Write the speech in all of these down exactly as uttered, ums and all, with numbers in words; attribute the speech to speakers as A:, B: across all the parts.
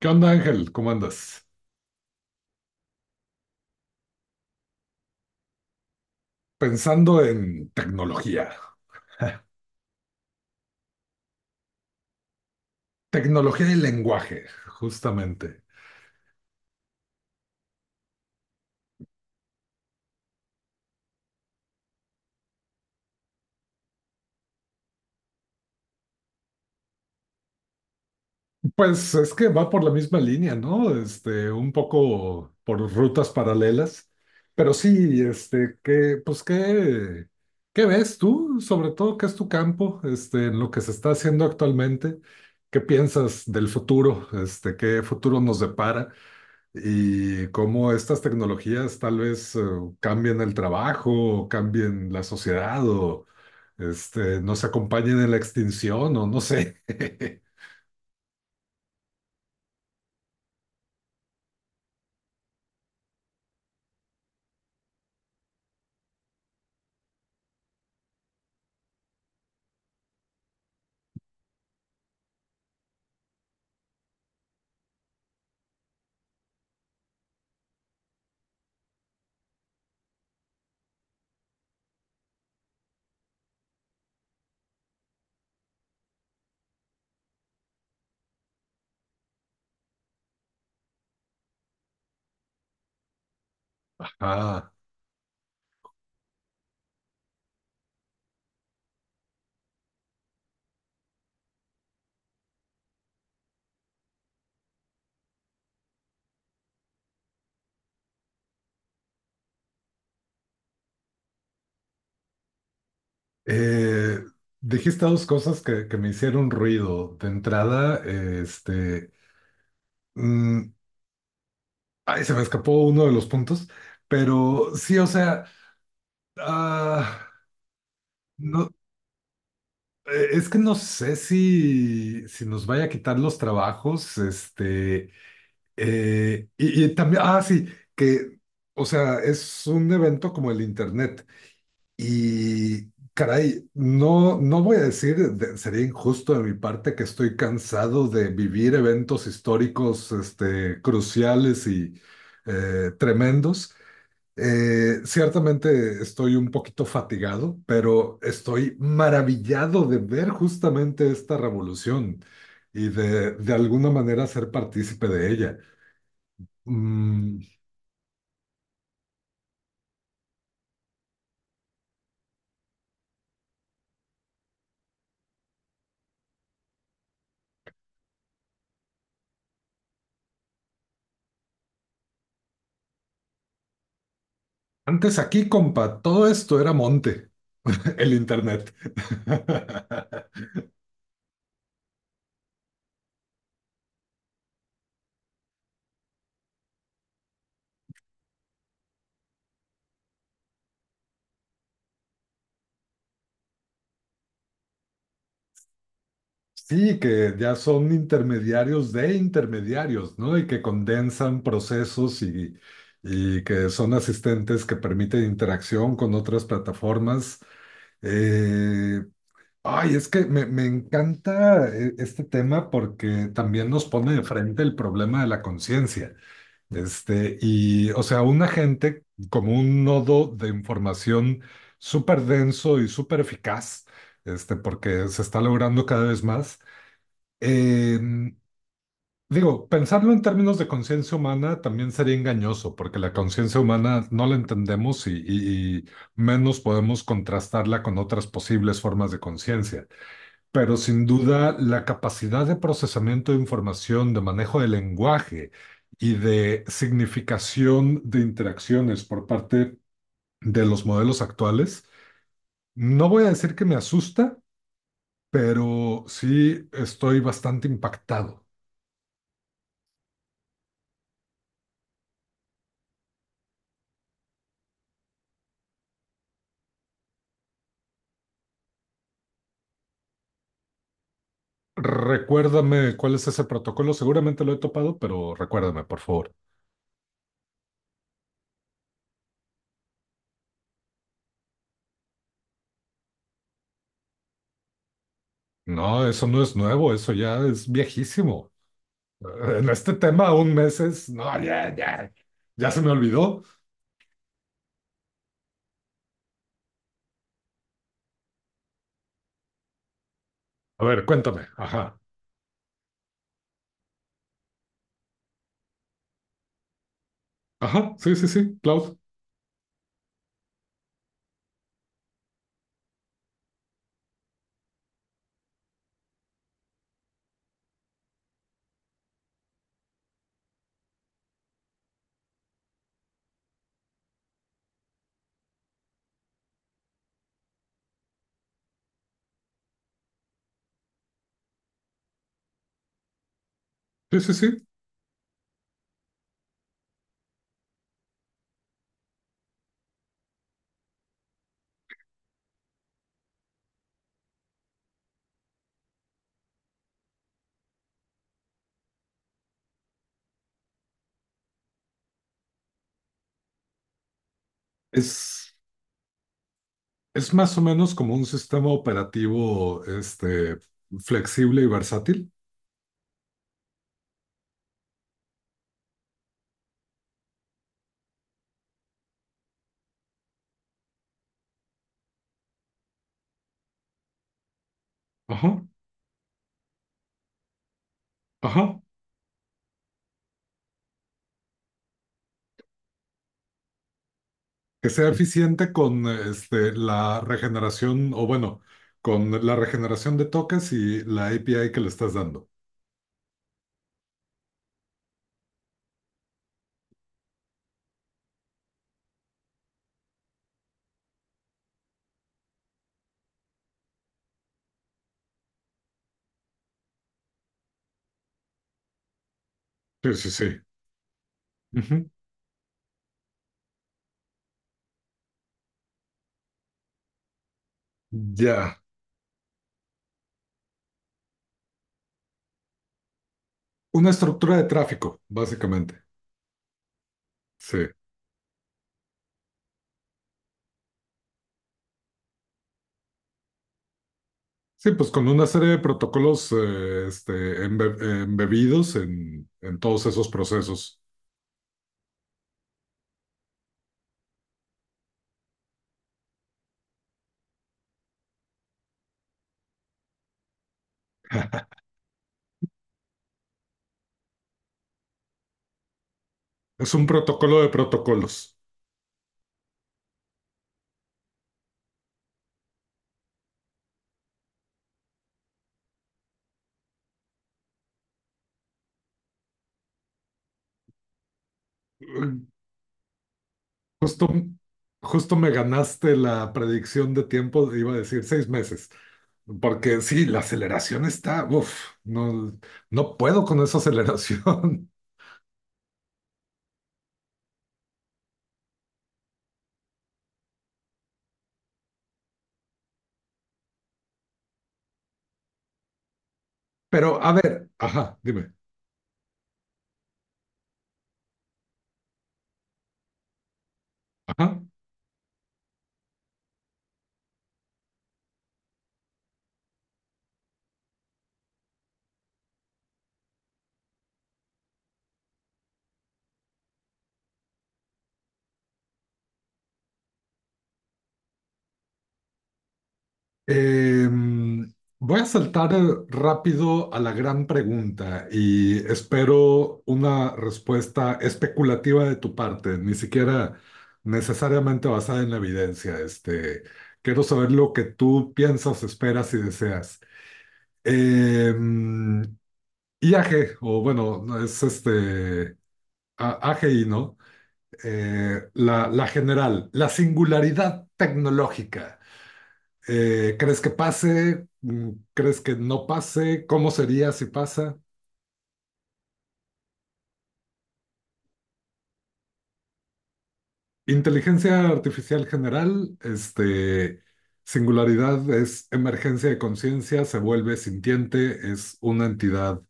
A: ¿Qué onda, Ángel? ¿Cómo andas? Pensando en tecnología, tecnología y lenguaje, justamente. Pues es que va por la misma línea, ¿no? Este, un poco por rutas paralelas, pero sí, este, qué, pues qué, qué ves tú, sobre todo, qué es tu campo, este, en lo que se está haciendo actualmente, qué piensas del futuro, este, qué futuro nos depara. Y cómo estas tecnologías tal vez eh, cambien el trabajo, o cambien la sociedad o este, nos acompañen en la extinción o no sé. Ah, eh, dijiste dos cosas que, que me hicieron ruido. De entrada, eh, este, mm, ay, se me escapó uno de los puntos, pero sí, o sea, ah, no, eh, es que no sé si, si nos vaya a quitar los trabajos, este, Eh, y, y también, ah, sí, que, o sea, es un evento como el Internet. Y, caray, no, no voy a decir, de- sería injusto de mi parte que estoy cansado de vivir eventos históricos, este, cruciales y eh, tremendos. Eh, ciertamente estoy un poquito fatigado, pero estoy maravillado de ver justamente esta revolución y de, de alguna manera ser partícipe de ella. Mm, Antes aquí, compa, todo esto era monte, el internet. Sí, que ya son intermediarios de intermediarios, ¿no? Y que condensan procesos y, y que son asistentes que permiten interacción con otras plataformas. Eh, Ay, es que me, me encanta eh, este tema porque también nos pone de frente el problema de la conciencia. Este, y, o sea, una gente como un nodo de información súper denso y súper eficaz, este, porque se está logrando cada vez más. Eh, Digo, pensarlo en términos de conciencia humana también sería engañoso, porque la conciencia humana no la entendemos y, y y menos podemos contrastarla con otras posibles formas de conciencia. Pero sin duda, la capacidad de procesamiento de información, de manejo del lenguaje y de significación de interacciones por parte de los modelos actuales, no voy a decir que me asusta, pero sí estoy bastante impactado. Recuérdame cuál es ese protocolo, seguramente lo he topado, pero recuérdame, por favor. No, eso no es nuevo, eso ya es viejísimo. En este tema, un mes es, no, ya, ya, ya se me olvidó. A ver, cuéntame. Ajá. Ajá. Sí, sí, sí. Cloud. Sí, sí, sí. Es, es más o menos como un sistema operativo, este, flexible y versátil. Ajá. Ajá. Que sea eficiente con, este, la regeneración, o bueno, con la regeneración de toques y la A P I que le estás dando. Sí, sí, sí. Ujú. Ya. Una estructura de tráfico, básicamente. Sí. Sí, pues con una serie de protocolos eh, este, embe- eh, embebidos en, en todos esos procesos. Es un protocolo de protocolos. Mm, Justo, justo me ganaste la predicción de tiempo, iba a decir seis meses, porque sí, la aceleración está, uff, no, no puedo con esa aceleración. Pero a ver, ajá, dime, ajá. Eh, Voy a saltar rápido a la gran pregunta y espero una respuesta especulativa de tu parte, ni siquiera necesariamente basada en la evidencia. Este, quiero saber lo que tú piensas, esperas y deseas. Eh, I A G o bueno, no, es este a- AGI, ¿no? Eh, la, la general, la singularidad tecnológica. ¿Eh, crees que pase? ¿Mm, crees que no pase? ¿Cómo sería si pasa? Inteligencia artificial general, este, singularidad es emergencia de conciencia, se vuelve sintiente, es una entidad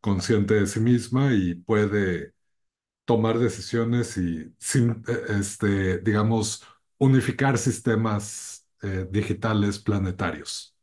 A: consciente de sí misma y puede tomar decisiones y, sin, eh, este, digamos, unificar sistemas eh, digitales planetarios.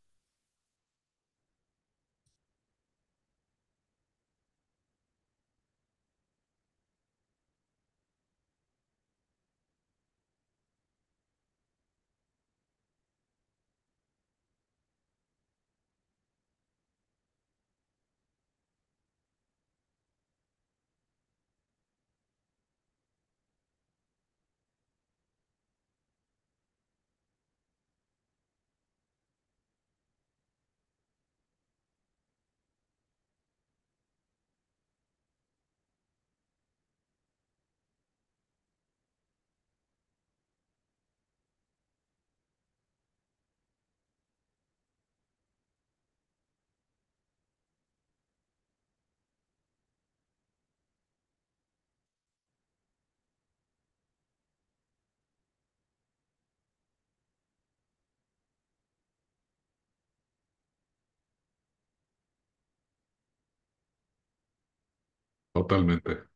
A: Totalmente.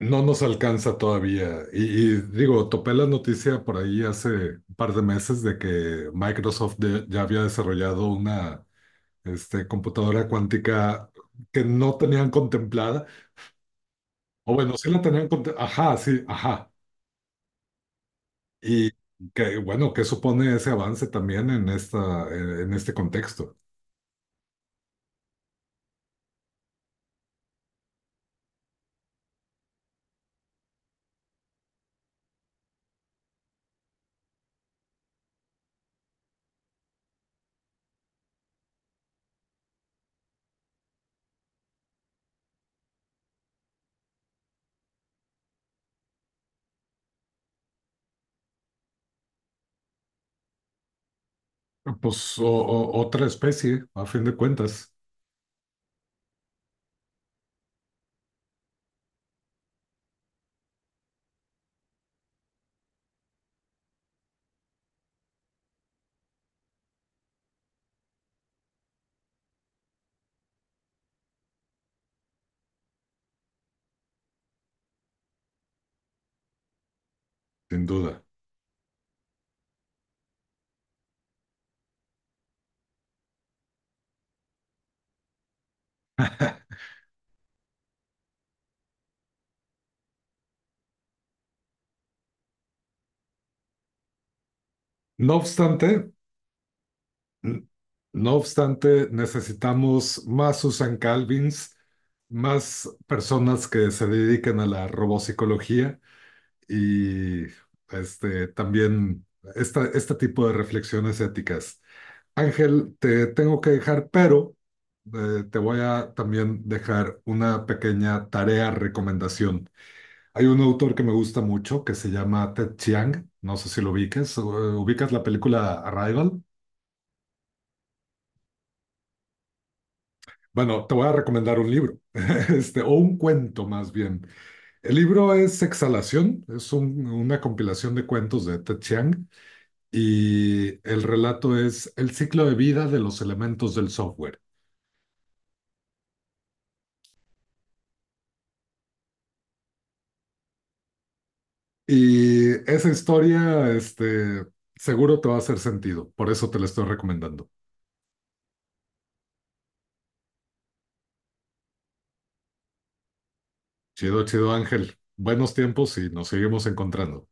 A: No nos alcanza todavía. Y, y digo, topé la noticia por ahí hace un par de meses de que Microsoft de- ya había desarrollado una este, computadora cuántica que no tenían contemplada. O bueno, sí la tenían contemplada. Ajá, sí, ajá. Y que, bueno, ¿qué supone ese avance también en esta, en, en este contexto? Pues o- o- otra especie, a fin de cuentas, sin duda. No obstante, N- no obstante, necesitamos más Susan Calvins, más personas que se dediquen a la robopsicología y este, también esta- este tipo de reflexiones éticas. Ángel, te tengo que dejar, pero eh, te voy a también dejar una pequeña tarea recomendación. Hay un autor que me gusta mucho que se llama Ted Chiang, no sé si lo ubicas, eh, ubicas la película Arrival. Bueno, te voy a recomendar un libro, este, o un cuento más bien. El libro es Exhalación, es un- una compilación de cuentos de Ted Chiang y el relato es El ciclo de vida de los elementos del software. Y esa historia, este, seguro te va a hacer sentido, por eso te la estoy recomendando. Chido, chido Ángel, buenos tiempos y nos seguimos encontrando.